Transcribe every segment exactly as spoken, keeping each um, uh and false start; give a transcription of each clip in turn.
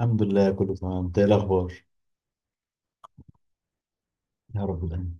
الحمد لله كله تمام. انت ايه الاخبار؟ يا رب دايما.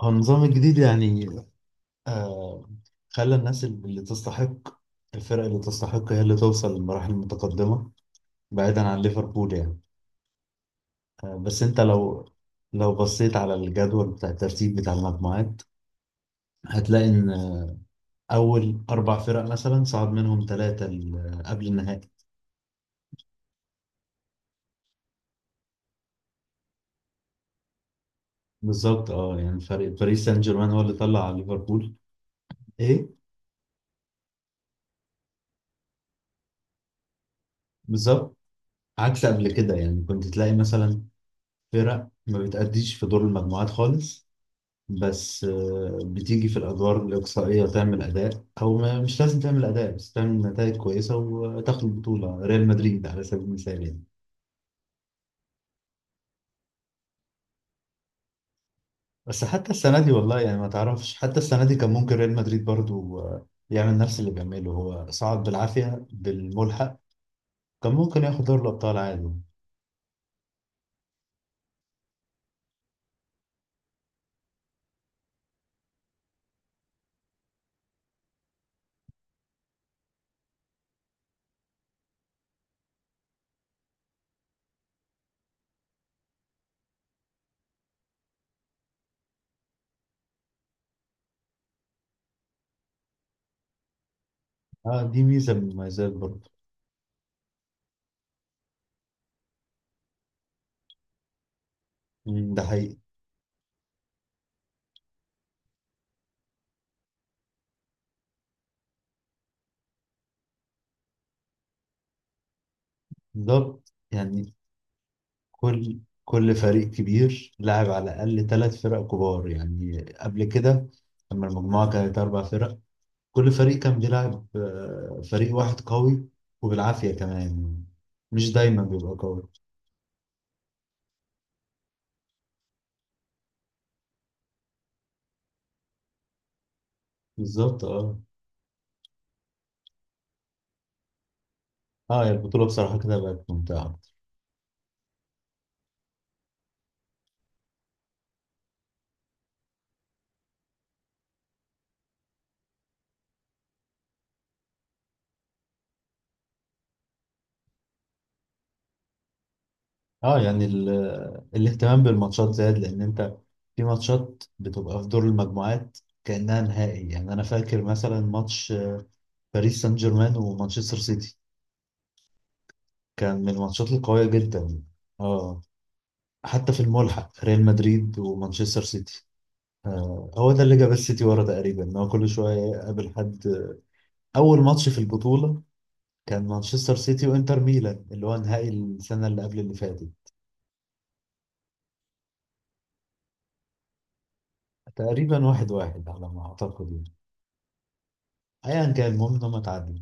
هو النظام الجديد يعني، آه خلى الناس اللي تستحق، الفرق اللي تستحق هي اللي توصل للمراحل المتقدمة، بعيدا عن ليفربول يعني. آه بس انت لو لو بصيت على الجدول بتاع الترتيب بتاع المجموعات، هتلاقي ان اول اربع فرق مثلا صعد منهم ثلاثة قبل النهائي. بالظبط، اه، يعني فريق باريس سان جيرمان هو اللي طلع على ليفربول. ايه، بالظبط. عكس قبل كده يعني، كنت تلاقي مثلا فرق ما بتأديش في دور المجموعات خالص، بس آه، بتيجي في الأدوار الإقصائية وتعمل أداء، أو ما مش لازم تعمل أداء بس تعمل نتائج كويسة وتاخد البطولة، ريال مدريد على سبيل المثال يعني. بس حتى السنة دي، والله يعني ما تعرفش، حتى السنة دي كان ممكن ريال مدريد برضو آه، يعمل نفس اللي بيعمله، هو صعد بالعافية بالملحق. كان ممكن ياخد دوري الأبطال عادي. اه، دي ميزة من المميزات برضو. مم، ده حقيقي. بالظبط يعني. كل كل فريق كبير لعب على الأقل ثلاث فرق كبار يعني، قبل كده لما المجموعة كانت أربع فرق، كل فريق كان بيلعب آه، فريق واحد قوي، وبالعافية كمان. مش دايما بيبقى قوي. بالظبط، اه. اه، يا، البطولة بصراحة كده بقت ممتعة أكتر. اه يعني، ال... الاهتمام بالماتشات زاد، لأن أنت في ماتشات بتبقى في دور المجموعات كأنها نهائي. يعني أنا فاكر مثلا ماتش باريس سان جيرمان ومانشستر سيتي، كان من الماتشات القوية جدا. اه. حتى في الملحق ريال مدريد ومانشستر سيتي، آه، هو ده اللي جاب السيتي ورا تقريبا، ان هو كل شوية يقابل حد. أول ماتش في البطولة كان مانشستر سيتي وإنتر ميلان، اللي هو نهائي السنة اللي قبل اللي فاتت. تقريبا واحد واحد على ما أعتقد يعني. أيا كان، المهم إن هم اتعادلوا.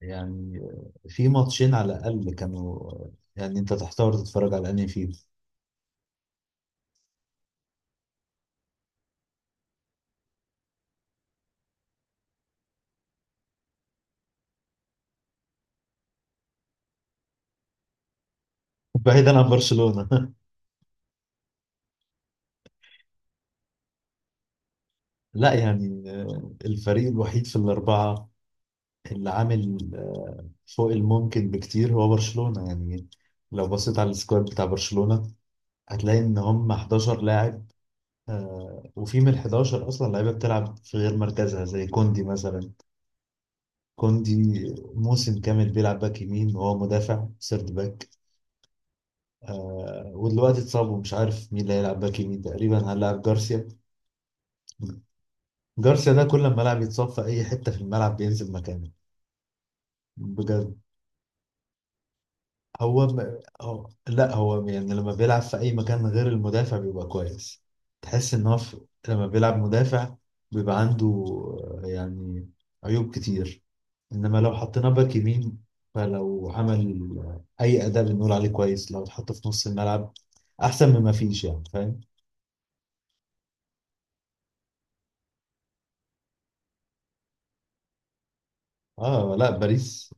يعني آه، في ماتشين على الأقل كانوا آه، يعني أنت تحتار تتفرج على أنهي فيهم. بعيدا عن برشلونة لا يعني، آه، الفريق الوحيد في الأربعة، اللي عامل آه، فوق الممكن بكتير، هو برشلونة يعني. لو بصيت على السكواد بتاع برشلونة، هتلاقي ان هم حداشر لاعب، آه، وفي من ال حداشر اصلا لعيبه بتلعب في غير مركزها، زي كوندي مثلا. كوندي موسم كامل بيلعب باك يمين وهو مدافع سيرد باك، آه، ودلوقتي اتصاب، ومش عارف مين اللي هيلعب باك يمين، تقريبا هنلعب جارسيا. جارسيا ده كل ما لاعب يتصاب في اي حته في الملعب، بينزل مكانه، بجد. هو م... هو لا هو يعني، لما بيلعب في اي مكان غير المدافع بيبقى كويس. تحس ان هو في... لما بيلعب مدافع بيبقى عنده، آه، يعني عيوب كتير. انما لو حطيناه باك يمين، فلو عمل اي اداء بنقول عليه كويس، لو اتحط في نص الملعب احسن مما فيش يعني، فاهم؟ اه لا، باريس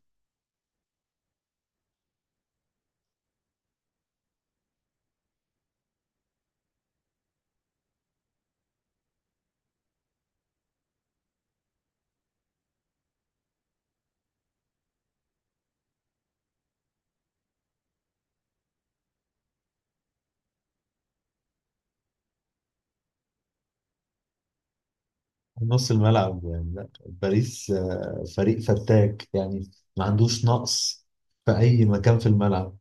نص الملعب يعني، لا باريس آه، فريق فتاك يعني، ما عندوش نقص في اي مكان في الملعب.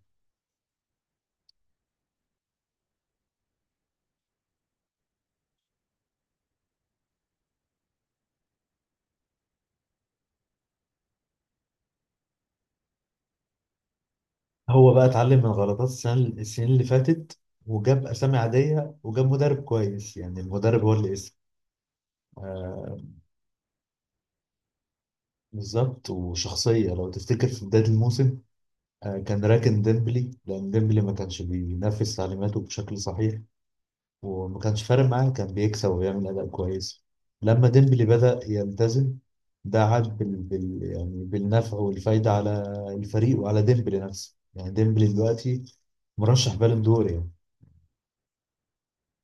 هو بقى اتعلم من غلطات السنة السنين اللي فاتت، وجاب أسامي عادية، وجاب مدرب كويس، يعني المدرب هو اللي اسم. آه، بالظبط، وشخصية. لو تفتكر في بداية الموسم، آه، كان راكن ديمبلي لأن ديمبلي ما كانش بينفذ تعليماته بشكل صحيح، وما كانش فارق معاه، كان بيكسب وبيعمل أداء كويس. لما ديمبلي بدأ يلتزم، ده عاد بال... بال... يعني بالنفع والفايدة على الفريق وعلى ديمبلي نفسه. يعني ديمبلي دلوقتي مرشح بالون دور يعني،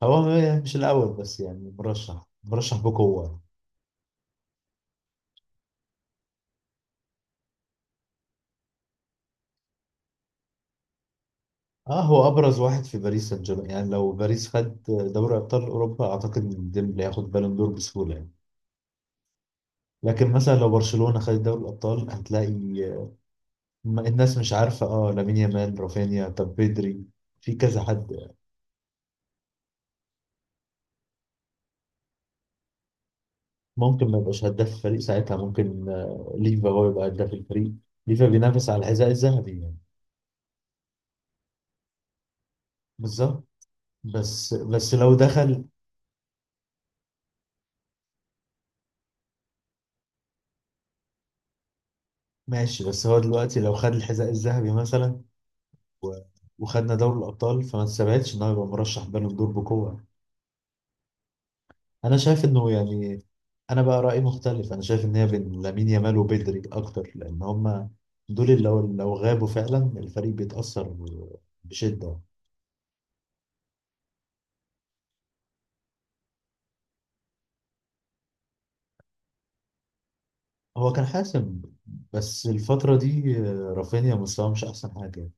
هو مش الأول بس يعني، مرشح مرشح بقوة. اه، هو أبرز واحد في باريس سان جيرمان يعني، لو باريس خد دوري أبطال أوروبا أعتقد إن ديمبلي هياخد بالون دور بسهولة يعني. لكن مثلا لو برشلونة خدت دوري الأبطال، هتلاقي ما- الناس مش عارفة، اه، لامين يامال، رافينيا، طب بيدري، في كذا حد يعني. ممكن ما يبقاش هداف الفريق ساعتها، ممكن آه، ليفا هو يبقى هداف الفريق. ليفا بينافس على الحذاء الذهبي يعني. بالظبط. بس بس لو دخل، ماشي، بس هو دلوقتي لو خد الحذاء الذهبي مثلا، و- وخدنا دوري الابطال، فما تستبعدش ان هو يبقى مرشح بالون دور بقوه. انا شايف انه يعني، انا بقى رايي مختلف، انا شايف ان هي بين لامين يامال وبدري اكتر، لان هما دول اللي لو لو غابوا فعلا الفريق بيتاثر بشده. هو كان حاسم، بس الفتره دي رافينيا مستواه مش احسن حاجه.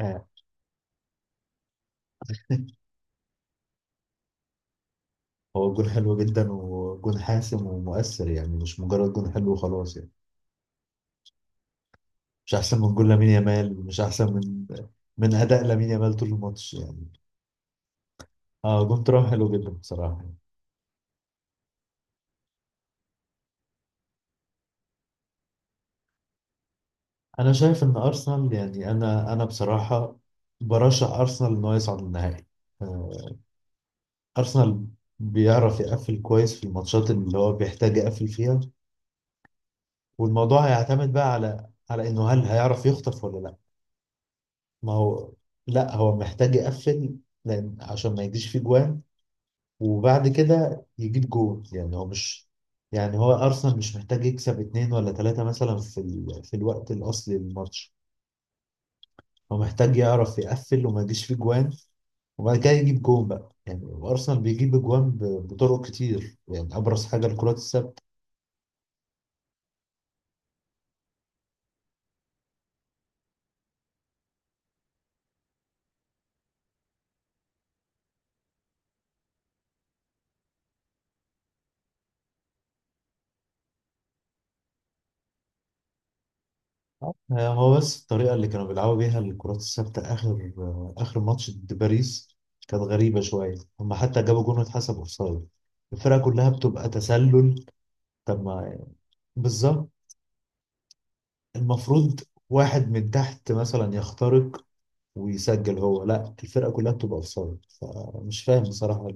آه، هو جون حلو جدا، وجون حاسم ومؤثر، يعني مش مجرد جون حلو وخلاص يعني. مش احسن من جون لامين يامال، مش احسن من من اداء لامين يامال طول الماتش يعني. اه، جون ترام حلو جدا بصراحة. انا شايف ان ارسنال يعني، انا انا بصراحة برشح ارسنال ان هو يصعد النهائي. آه، ارسنال بيعرف يقفل كويس في الماتشات اللي هو بيحتاج يقفل فيها، والموضوع هيعتمد بقى على على انه هل هيعرف يخطف ولا لا. ما هو، لا هو محتاج يقفل، لان عشان ما يجيش فيه جوان وبعد كده يجيب جول. يعني هو مش، يعني هو ارسنال مش محتاج يكسب اتنين ولا تلاتة مثلا في ال... في الوقت الاصلي للماتش، هو محتاج يعرف يقفل وما يجيش فيه جوان، وبعد كده يجيب جون بقى يعني. وارسنال بيجيب جوان ب- بطرق كتير يعني، ابرز حاجه الكرات الثابته. آه، هو بس الطريقه اللي كانوا بيلعبوا بيها الكرات الثابته اخر آه، اخر ماتش ضد باريس كانت غريبه شويه، هم حتى جابوا جون واتحسب اوفسايد، الفرقه كلها بتبقى تسلل. طب ما، بالظبط. المفروض واحد من تحت مثلا يخترق ويسجل، هو لا، الفرقه كلها بتبقى اوفسايد، فمش فاهم بصراحه.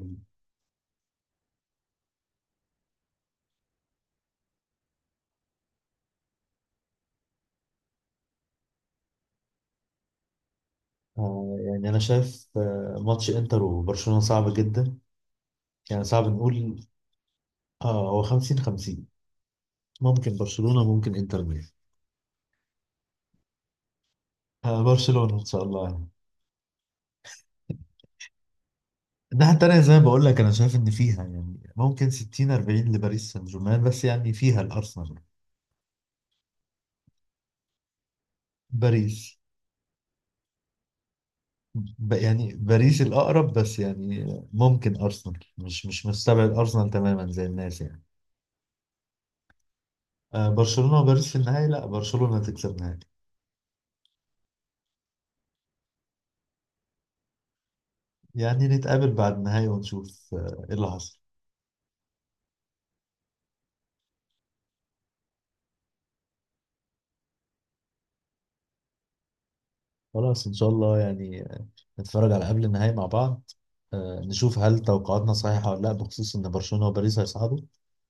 آه، يعني أنا شايف آه، ماتش إنتر وبرشلونة صعب جدا، يعني صعب نقول. آه، هو خمسين خمسين، ممكن برشلونة، ممكن إنتر ميلان. آه، برشلونة إن شاء الله يعني. الناحية التانية زي ما بقول لك، أنا شايف إن فيها يعني ممكن ستين أربعين لباريس سان جيرمان، بس يعني فيها الأرسنال. باريس. ب يعني باريس الأقرب، بس يعني ممكن أرسنال، مش مش مستبعد أرسنال تماما زي الناس يعني. آه، برشلونة وباريس في النهاية، لا برشلونة تكسب نهائي. يعني نتقابل بعد النهاية ونشوف آه، إيه اللي حصل. خلاص ان شاء الله يعني، نتفرج على قبل النهائي مع بعض، آه، نشوف هل توقعاتنا صحيحة ولا لا، بخصوص ان برشلونة وباريس هيصعدوا،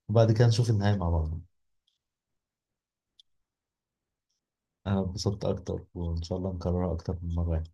وبعد كده نشوف النهائي مع بعض. انا اتبسطت اكتر، وان شاء الله نكررها اكتر من مرة يعني.